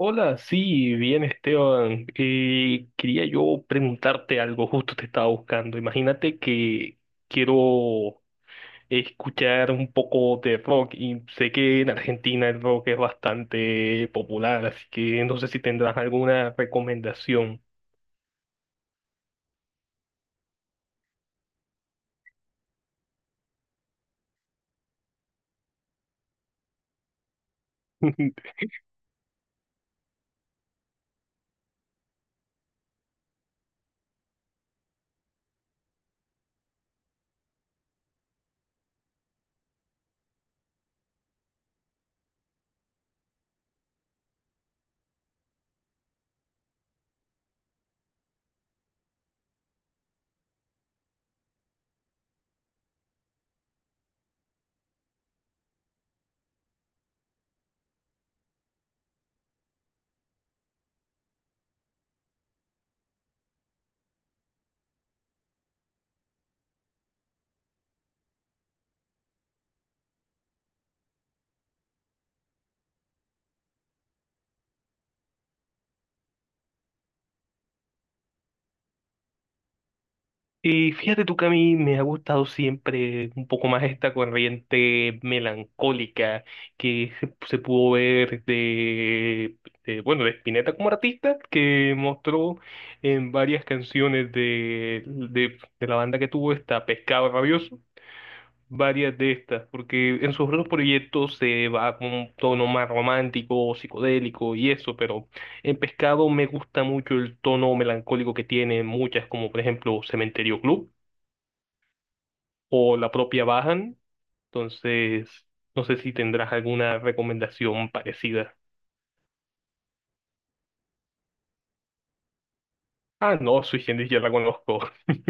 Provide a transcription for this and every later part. Hola, sí, bien Esteban. Quería yo preguntarte algo, justo te estaba buscando. Imagínate que quiero escuchar un poco de rock y sé que en Argentina el rock es bastante popular, así que no sé si tendrás alguna recomendación. Y fíjate tú que a mí me ha gustado siempre un poco más esta corriente melancólica que se pudo ver de Spinetta como artista, que mostró en varias canciones de la banda que tuvo esta Pescado Rabioso, varias de estas, porque en sus otros proyectos se va con un tono más romántico, psicodélico y eso, pero en Pescado me gusta mucho el tono melancólico que tiene muchas, como por ejemplo Cementerio Club o la propia Bajan. Entonces, no sé si tendrás alguna recomendación parecida. Ah, no, Sui Generis ya la conozco.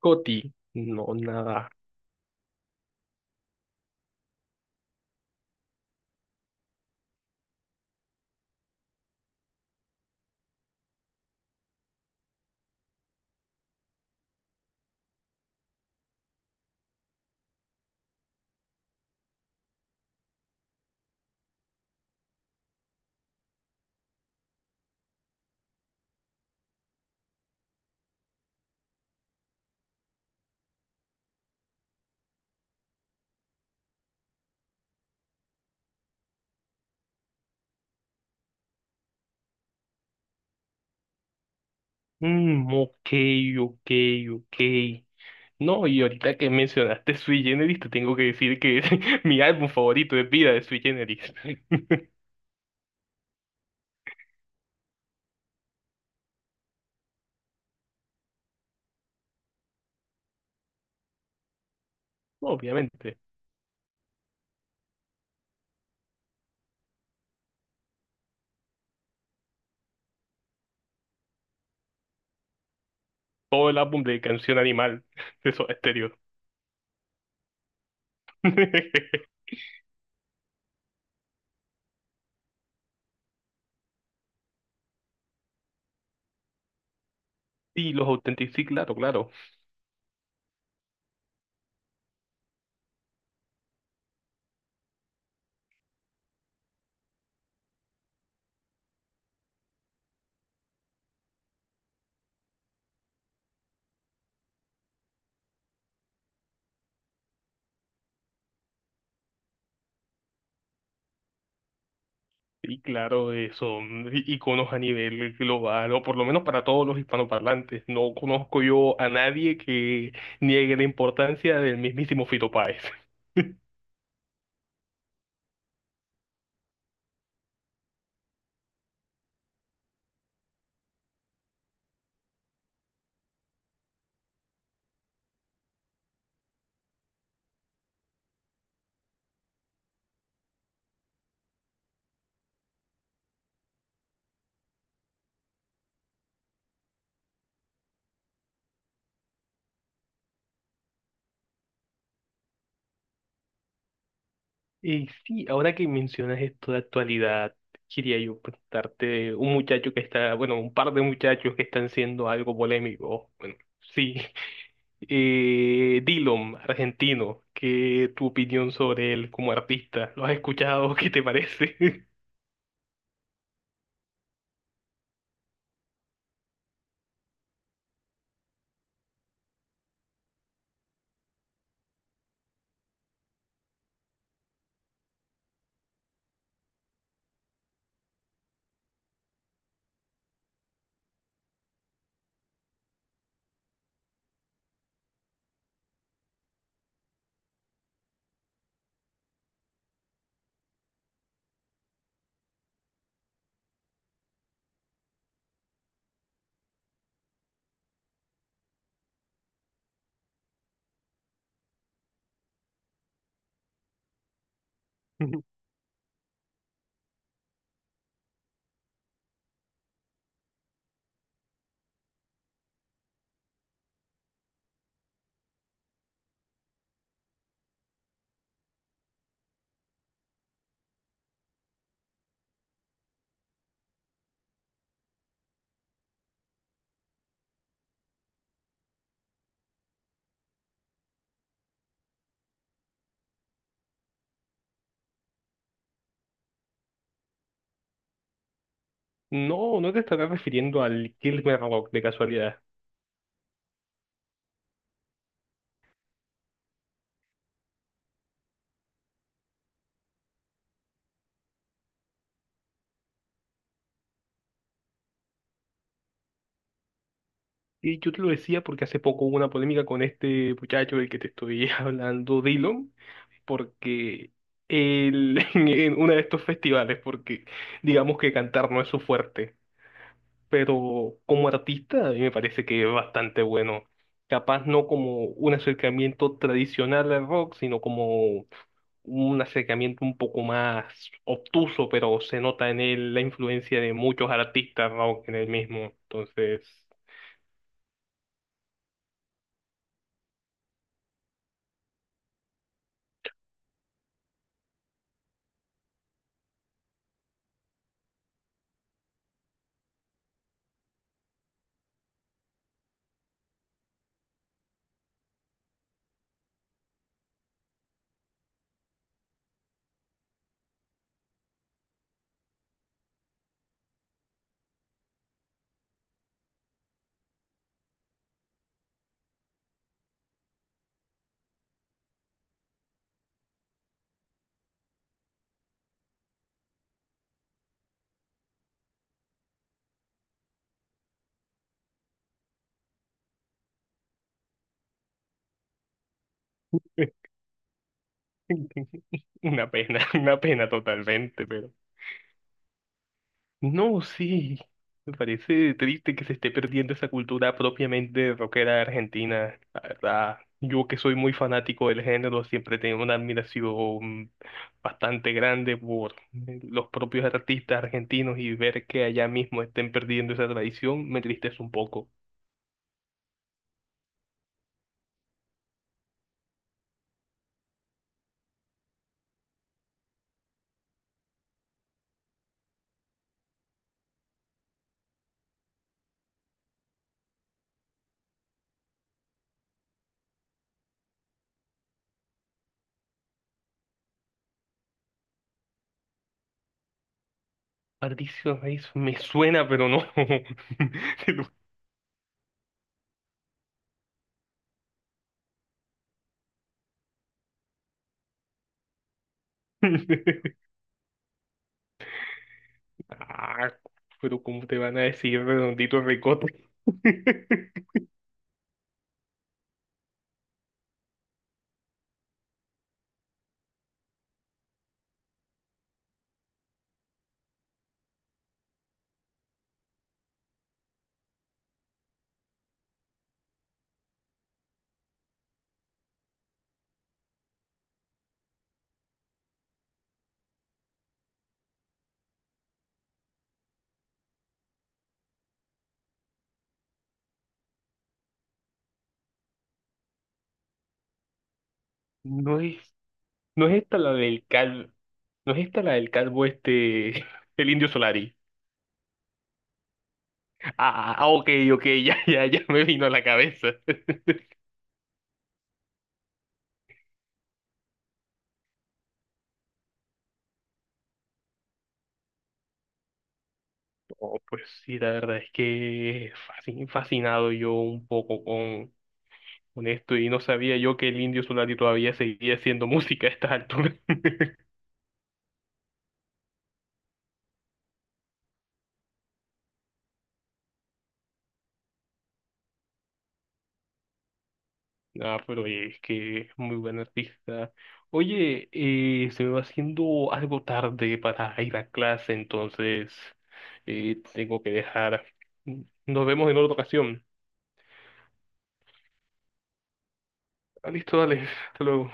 Coti, no, nada. Mm, ok, ok, ok. No, y ahorita que mencionaste Sui Generis, te tengo que decir que es mi álbum favorito de vida de Sui Generis. Obviamente. Todo el álbum de Canción Animal de Soda Stereo. Sí, los Authentic, sí, claro, claro. Sí, claro, son iconos a nivel global, o por lo menos para todos los hispanoparlantes. No conozco yo a nadie que niegue la importancia del mismísimo Fito Páez. Y sí, ahora que mencionas esto de actualidad, quería yo preguntarte un muchacho que está, bueno, un par de muchachos que están siendo algo polémico. Bueno, sí, Dillom, argentino, ¿qué tu opinión sobre él como artista? ¿Lo has escuchado? ¿Qué te parece? No, no te estarás refiriendo al Kilmer Rock de casualidad. Y yo te lo decía porque hace poco hubo una polémica con este muchacho del que te estoy hablando, Dylan, porque él en uno de estos festivales, porque digamos que cantar no es su fuerte, pero como artista a mí me parece que es bastante bueno. Capaz no como un acercamiento tradicional al rock, sino como un acercamiento un poco más obtuso, pero se nota en él la influencia de muchos artistas rock en él mismo. Entonces, una pena totalmente, pero... No, sí, me parece triste que se esté perdiendo esa cultura propiamente rockera argentina, la verdad. Yo que soy muy fanático del género, siempre tengo una admiración bastante grande por los propios artistas argentinos y ver que allá mismo estén perdiendo esa tradición me entristece un poco. Patricio Reyes me suena, pero no. Te lo- Ah, pero ¿cómo te van a decir redondito ricote? No es No es esta la del calvo, no es esta la del calvo este, el Indio Solari. Ah, ah, ok, ok, ya, ya, ya me vino a la cabeza. Oh, pues sí, la verdad es que fascinado yo un poco con esto y no sabía yo que el Indio Solari todavía seguía haciendo música a estas alturas. Ah, pero es que es muy buen artista. Oye, se me va haciendo algo tarde para ir a clase, entonces tengo que dejar. Nos vemos en otra ocasión. Ah, listo, dale. Hasta luego.